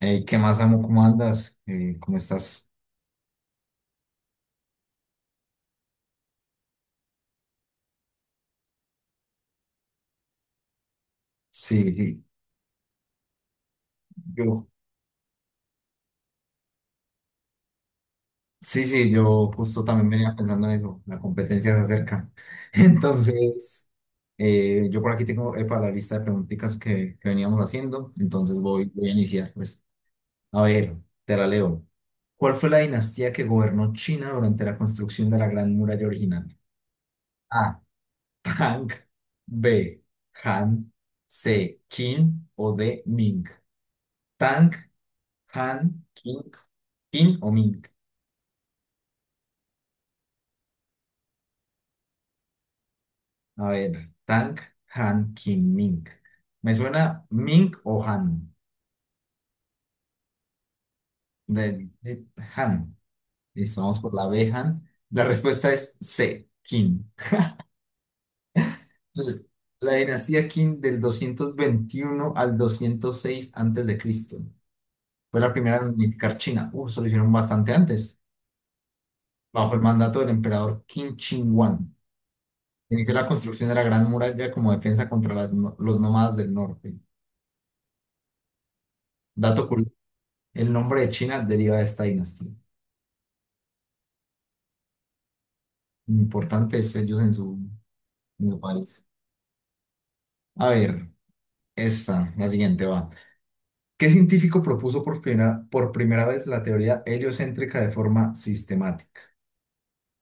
Ey, ¿qué más, amo? ¿Cómo andas? ¿Cómo estás? Sí, sí, yo, sí, sí, yo justo también venía pensando en eso, la competencia se acerca. Entonces, yo por aquí tengo para la lista de preguntitas que veníamos haciendo, entonces voy a iniciar, pues. A ver, te la leo. ¿Cuál fue la dinastía que gobernó China durante la construcción de la Gran Muralla original? A. Tang, B. Han, C. Qin o D. Ming. Tang, Han, King o Ming. A ver, Tang, Han, King, Ming. Me suena Ming o Han. De, de- Han. Listo, vamos por la B, Han. La respuesta es C, King. L- La dinastía Qin del 221 al 206 antes de Cristo. Fue la primera en unificar China. Eso lo hicieron bastante antes, bajo el mandato del emperador Qin Shi Huang. Inició la construcción de la Gran Muralla como defensa contra las no- los nómadas del norte. Dato curioso. El nombre de China deriva de esta dinastía. Importantes ellos en su país. A ver, esta, la siguiente va. ¿Qué científico propuso por primera vez la teoría heliocéntrica de forma sistemática?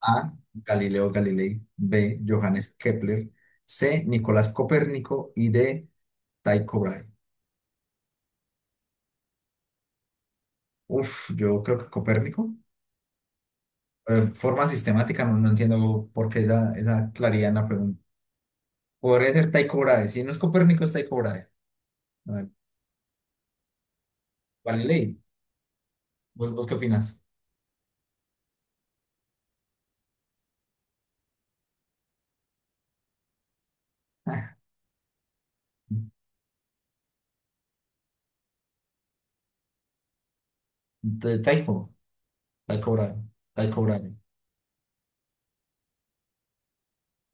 A. Galileo Galilei. B. Johannes Kepler. C. Nicolás Copérnico. Y D. Tycho Brahe. Uf, yo creo que Copérnico. Forma sistemática, no entiendo por qué esa claridad en la pregunta. Podría ser Tycho Brahe. Si no es Copérnico, es Tycho Brahe. A ver, Galilei. ¿Vos qué opinas? Ah, de Taiko, Taiko Bravo, Taiko Bravo.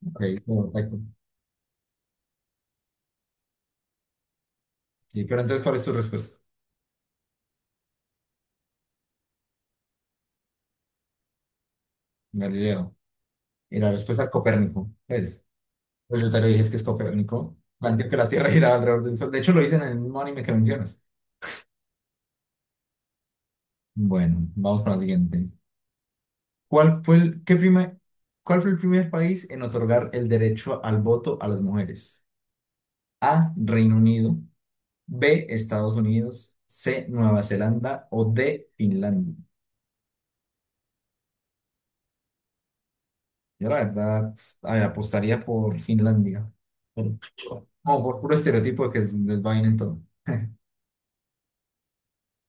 Ok, bueno, Taiko. Sí, pero entonces, ¿cuál es tu respuesta? Galileo. Y la respuesta es Copérnico. Pues, yo te lo dije, es que es Copérnico. Planteó que la Tierra giraba alrededor del Sol. De hecho, lo dicen en el mismo anime que mencionas. Bueno, vamos con la siguiente. ¿Cuál fue el, qué prima- ¿cuál fue el primer país en otorgar el derecho al voto a las mujeres? A, Reino Unido. B, Estados Unidos. C, Nueva Zelanda. O D, Finlandia. Yo la verdad, a ver, apostaría por Finlandia. Por, no, por puro estereotipo de que les va bien en todo.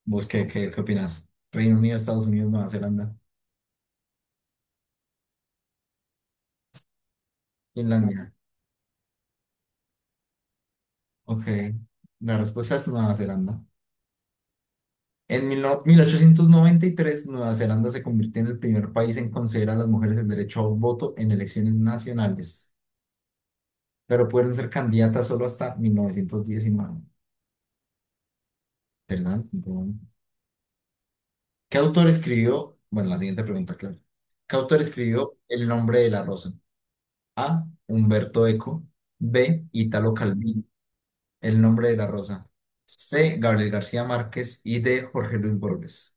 ¿Vos qué opinás? Reino Unido, Estados Unidos, Nueva Zelanda. Finlandia. Ok. La respuesta es Nueva Zelanda. En mil no- 1893 Nueva Zelanda se convirtió en el primer país en conceder a las mujeres el derecho a voto en elecciones nacionales, pero pueden ser candidatas solo hasta 1919. ¿Verdad? ¿Qué autor escribió? Bueno, la siguiente pregunta, claro. ¿Qué autor escribió El nombre de la rosa? A. Humberto Eco. B. Italo Calvino. El nombre de la rosa. C. Gabriel García Márquez. Y D. Jorge Luis Borges.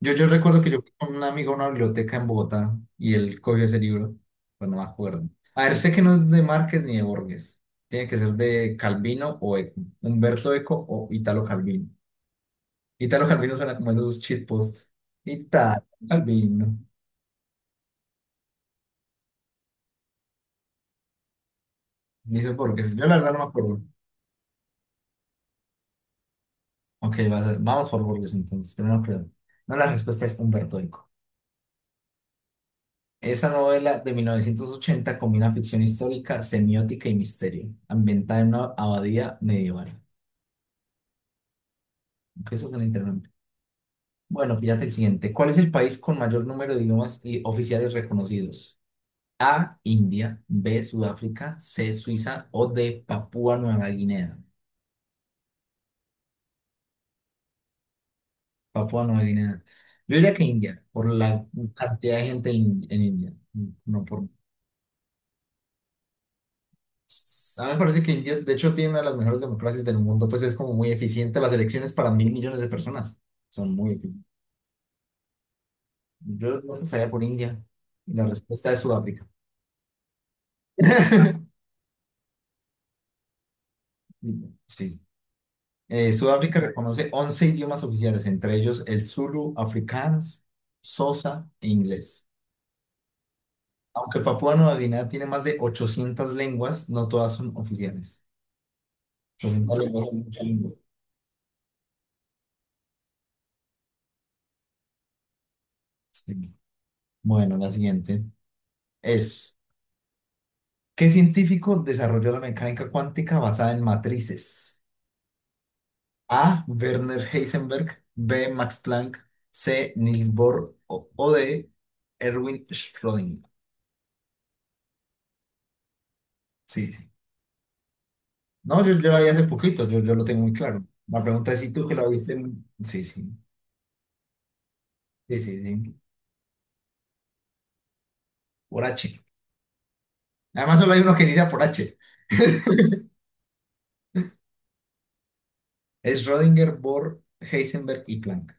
Yo recuerdo que yo fui con un amigo a una biblioteca en Bogotá y él cogió ese libro, pero no me acuerdo. A ver, sé que no es de Márquez ni de Borges. Tiene que ser de Calvino o Eco. Humberto Eco o Italo Calvino. Italo Calvino suena como esos cheat posts. Italo Calvino. Dice burgers. Yo la verdad no me acuerdo. Ok, vamos por burgers entonces, pero no creo. No, la respuesta es Humberto Eco. Esa novela de 1980 combina ficción histórica, semiótica y misterio, ambientada en una abadía medieval. Aunque eso suena interesante. Bueno, fíjate el siguiente. ¿Cuál es el país con mayor número de idiomas y oficiales reconocidos? A, India, B, Sudáfrica, C, Suiza o D, Papúa Nueva Guinea. Papúa Nueva Guinea. Yo diría que India, por la cantidad de gente en India, no por... A mí me parece que India, de hecho, tiene una de las mejores democracias del mundo, pues es como muy eficiente las elecciones para mil millones de personas. Son muy eficientes. Yo no pensaría por India. Y la respuesta es Sudáfrica. Sí. Sudáfrica reconoce 11 idiomas oficiales, entre ellos el Zulu, Afrikaans, Xhosa e inglés. Aunque Papúa Nueva Guinea tiene más de 800 lenguas, no todas son oficiales. 800 lenguas son muchas lenguas. Sí. Bueno, la siguiente es. ¿Qué científico desarrolló la mecánica cuántica basada en matrices? A. Werner Heisenberg, B. Max Planck, C. Niels Bohr o D. Erwin Schrödinger. Sí, sí. No, yo la vi hace poquito, yo lo tengo muy claro. La pregunta es si tú que la viste en... Sí, sí, sí, sí, sí. Por H. Además solo hay uno que inicia por H. Es Schrödinger, Bohr, Heisenberg y Planck.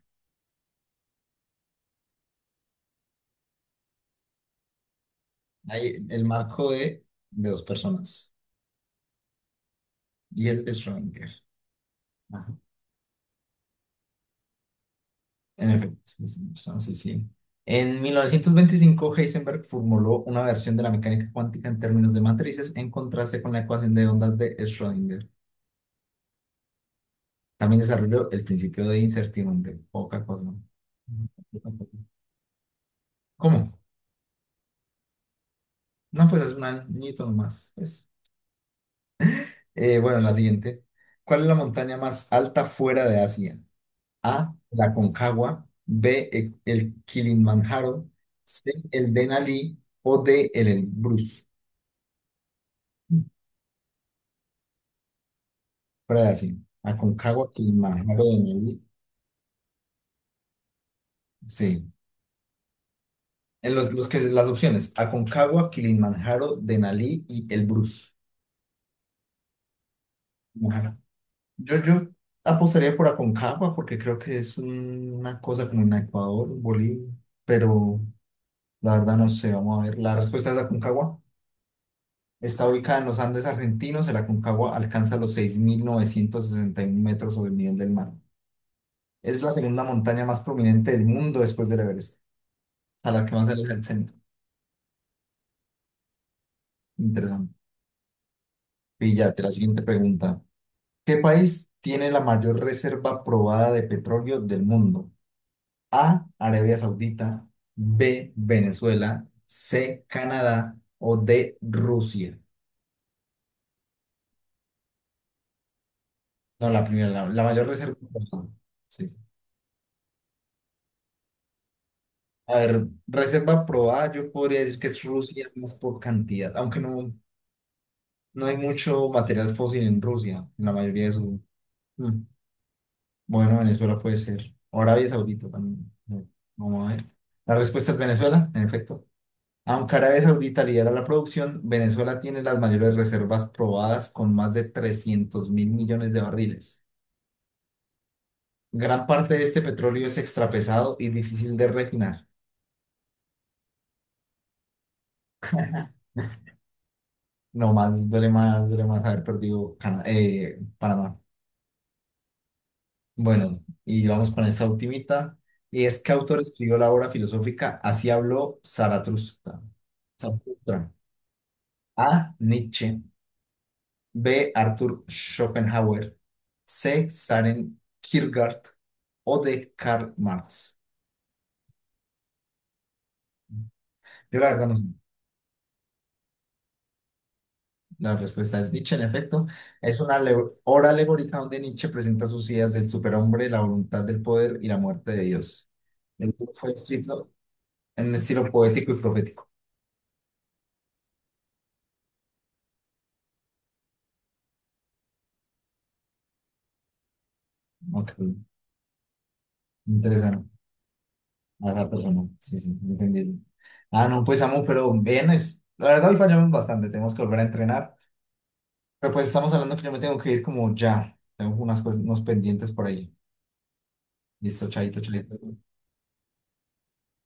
Hay el marco de dos personas. Y él es Schrödinger. Ajá. En efecto, sí, sí, sí, sí. En 1925, Heisenberg formuló una versión de la mecánica cuántica en términos de matrices en contraste con la ecuación de ondas de Schrödinger. También desarrolló el principio de incertidumbre. Poca cosa, ¿no? ¿Cómo? No, pues es un añito nomás, pues. Bueno, la siguiente. ¿Cuál es la montaña más alta fuera de Asia? A, la Concagua. B, el Kilimanjaro. C, el Denali. O D, el Elbrus. Brasil, Aconcagua, Kilimanjaro, Denali, sí. En las opciones, Aconcagua, Kilimanjaro, Denali y Elbrus. Ajá. Yo apostaría por Aconcagua porque creo que es una cosa como en Ecuador, Bolivia, pero la verdad no sé, vamos a ver. La respuesta es Aconcagua. Está ubicada en los Andes argentinos, el Aconcagua alcanza los 6961 metros sobre el nivel del mar. Es la segunda montaña más prominente del mundo después del Everest, a la que más se aleja el centro. Interesante. Píllate la siguiente pregunta. ¿Qué país tiene la mayor reserva probada de petróleo del mundo? A, Arabia Saudita, B, Venezuela, C, Canadá o D, Rusia. No, la primera, la mayor reserva probada. Sí. A ver, reserva probada, yo podría decir que es Rusia más por cantidad, aunque no, no hay mucho material fósil en Rusia, en la mayoría de su... Mm. Bueno, Venezuela puede ser. O Arabia Saudita también. No, vamos a ver. La respuesta es Venezuela, en efecto. Aunque Arabia Saudita lidera la producción, Venezuela tiene las mayores reservas probadas con más de 300.000 millones de barriles. Gran parte de este petróleo es extrapesado y difícil de refinar. No más, duele más, duele más haber perdido Panamá. Bueno, y vamos con esta ultimita. Y es que autor escribió la obra filosófica Así habló Zaratustra. A. Nietzsche. B. Arthur Schopenhauer. C. Søren Kierkegaard. O D. Karl Marx. Yo la verdad no sé. La respuesta es Nietzsche, en efecto. Es una obra alegórica donde Nietzsche presenta sus ideas del superhombre, la voluntad del poder y la muerte de Dios. El libro fue escrito en un estilo poético y profético. Ok, interesante. A la persona. Sí, sí, entendí. Ah, no, pues amo, pero bien, es... la verdad hoy fallamos bastante. Tenemos que volver a entrenar. Pero pues estamos hablando que yo me tengo que ir como ya. Tengo unas cosas, unos pendientes por ahí. Listo, chaito, chulito.